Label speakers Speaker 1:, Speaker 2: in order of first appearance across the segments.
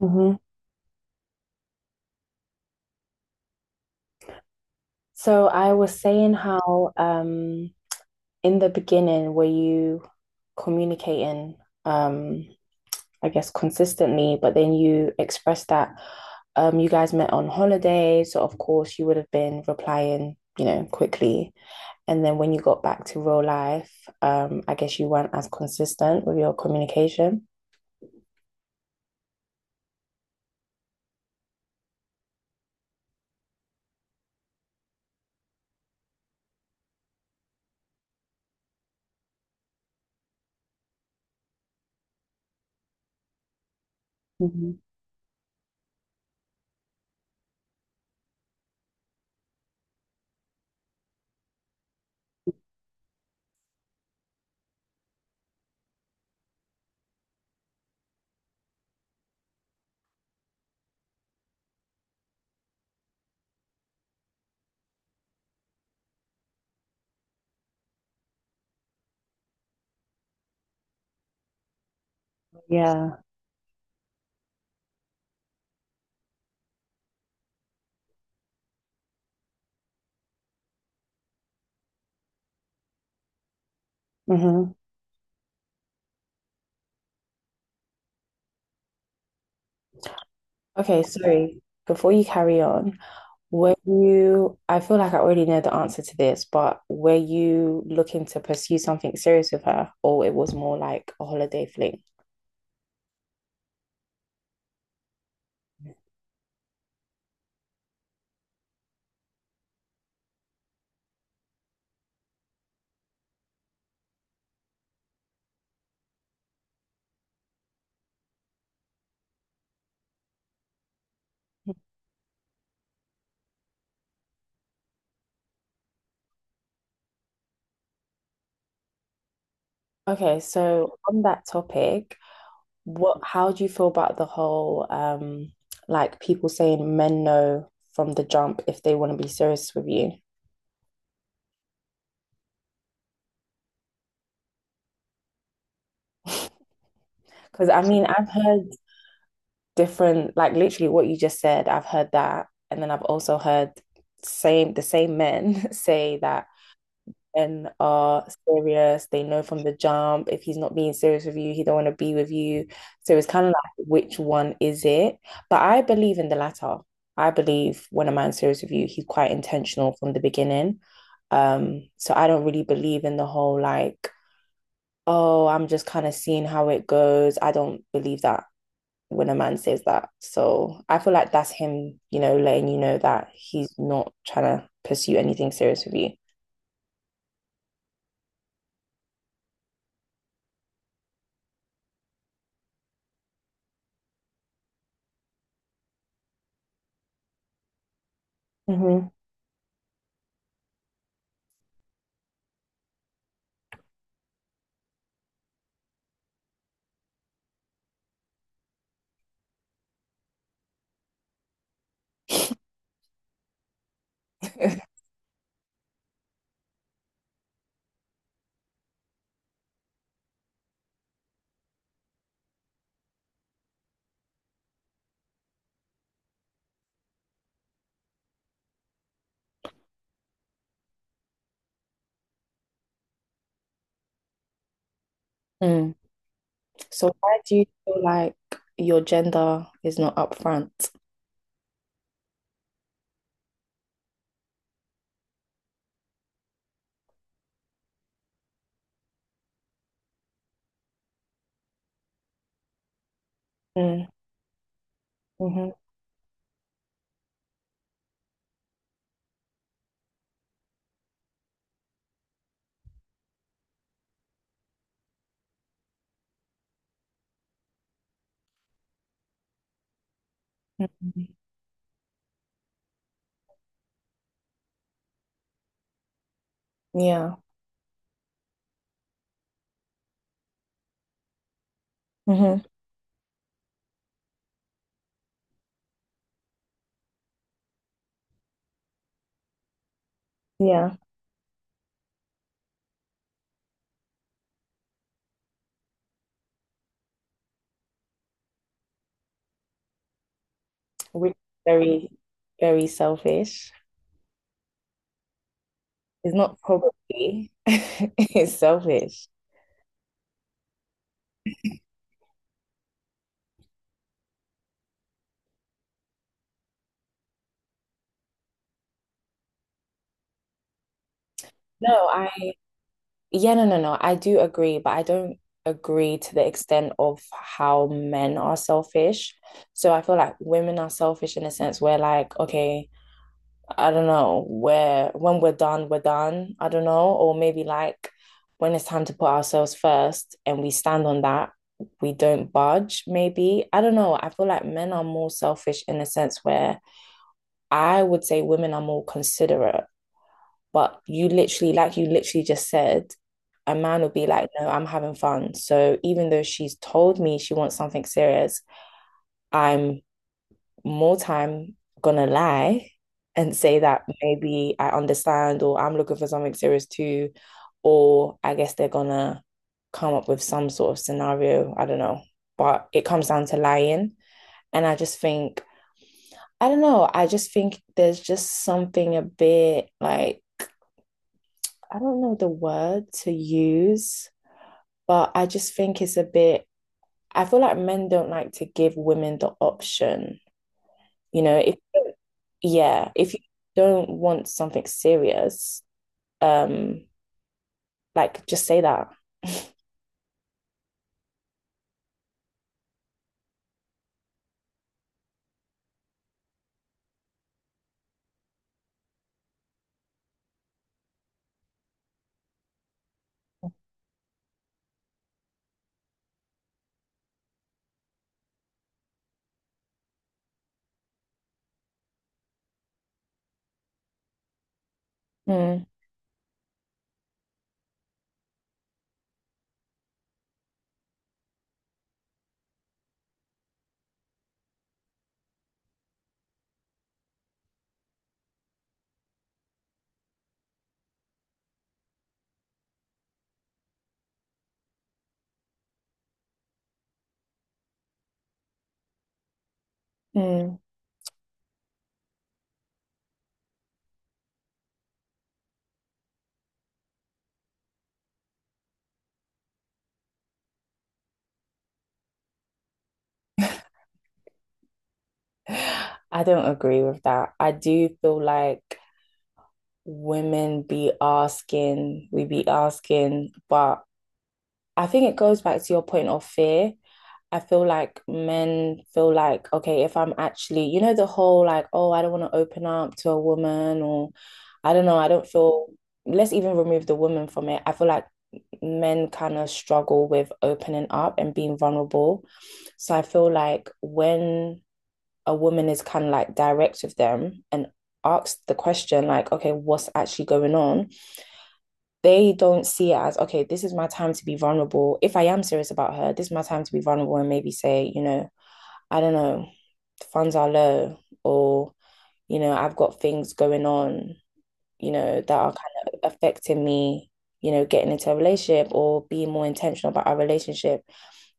Speaker 1: Hmm. So I was saying how in the beginning, were you communicating, um, I guess, consistently, but then you expressed that you guys met on holiday, so of course you would have been replying, quickly. And then when you got back to real life, I guess you weren't as consistent with your communication. Mhm. Yeah. Hmm. Okay, sorry. Before you carry on, I feel like I already know the answer to this, but were you looking to pursue something serious with her, or it was more like a holiday fling? Okay, so on that topic, what how do you feel about the whole like people saying men know from the jump if they want to be serious with you? Because I mean, I've heard different, like literally what you just said, I've heard that. And then I've also heard same the same men say that men are serious, they know from the jump. If he's not being serious with you, he don't want to be with you. So it's kind of like which one is it? But I believe in the latter. I believe when a man's serious with you, he's quite intentional from the beginning. So I don't really believe in the whole like, oh, I'm just kind of seeing how it goes. I don't believe that when a man says that. So I feel like that's him, letting you know that he's not trying to pursue anything serious with you. Hmm. Mm. So why do you feel like your gender is not upfront? Mm. Hmm. Yeah. Hmm. Yeah. Which is very, very selfish. It's not probably. It's selfish. No, yeah, no, no, no. I do agree, but I don't agree to the extent of how men are selfish. So I feel like women are selfish in a sense where, like, okay, I don't know, where when we're done, we're done. I don't know. Or maybe like when it's time to put ourselves first and we stand on that, we don't budge, maybe. I don't know. I feel like men are more selfish in a sense where I would say women are more considerate. But you literally, like you literally just said, a man will be like, no, I'm having fun. So even though she's told me she wants something serious, I'm more time gonna lie and say that maybe I understand or I'm looking for something serious too. Or I guess they're gonna come up with some sort of scenario. I don't know. But it comes down to lying. And I just think, I don't know, I just think there's just something a bit like I don't know the word to use, but I just think it's a bit, I feel like men don't like to give women the option. You know, if, yeah, if you don't want something serious, um, like just say that. Mm, mm. I don't agree with that. I do feel like women be asking, we be asking, but I think it goes back to your point of fear. I feel like men feel like, okay, if I'm actually, the whole like, oh, I don't want to open up to a woman, or I don't know, I don't feel, let's even remove the woman from it. I feel like men kind of struggle with opening up and being vulnerable. So I feel like when a woman is kind of like direct with them and asks the question, like, okay, what's actually going on? They don't see it as, okay, this is my time to be vulnerable. If I am serious about her, this is my time to be vulnerable and maybe say, I don't know, funds are low, or, I've got things going on, that are kind of affecting me, getting into a relationship or being more intentional about our relationship,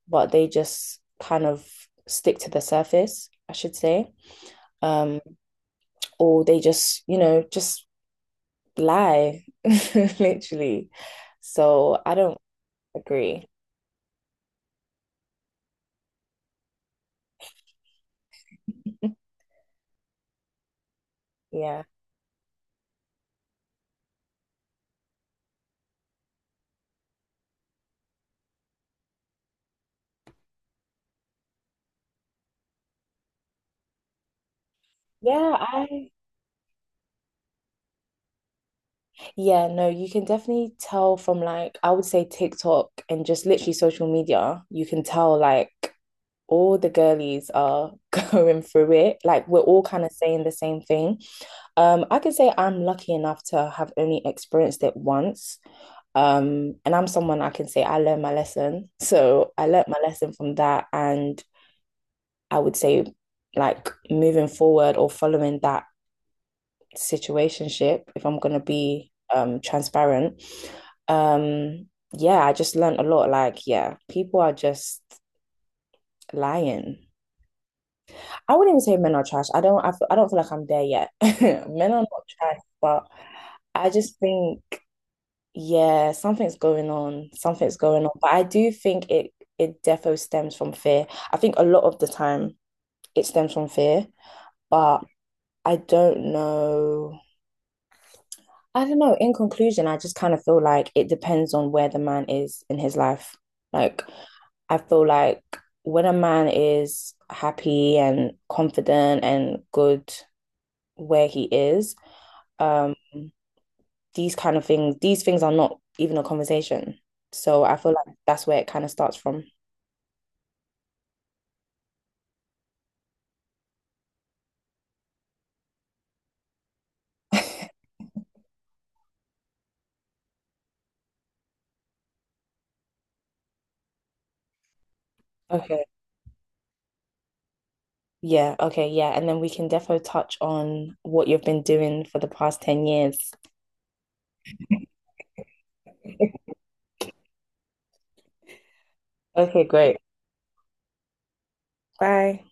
Speaker 1: but they just kind of stick to the surface, I should say. Um, or they just lie, literally. So I don't agree. Yeah. Yeah, I Yeah, no, you can definitely tell from like, I would say TikTok and just literally social media, you can tell like all the girlies are going through it. Like, we're all kind of saying the same thing. I can say I'm lucky enough to have only experienced it once. And I'm someone I can say I learned my lesson. So I learned my lesson from that. And I would say, like, moving forward or following that situationship, if I'm gonna be transparent. Um, yeah, I just learned a lot. Like, yeah, people are just lying. I wouldn't even say men are trash. I don't. I don't feel like I'm there yet. Men are not trash, but I just think, yeah, something's going on. Something's going on. But I do think it defo stems from fear. I think a lot of the time it stems from fear, but I don't know I don't know. In conclusion, I just kind of feel like it depends on where the man is in his life. Like, I feel like when a man is happy and confident and good where he is, um, these kind of things, these things are not even a conversation. So I feel like that's where it kind of starts from. Okay. Yeah, okay, yeah. And then we can defo touch on what you've been doing for the past 10 years. Okay, great. Bye.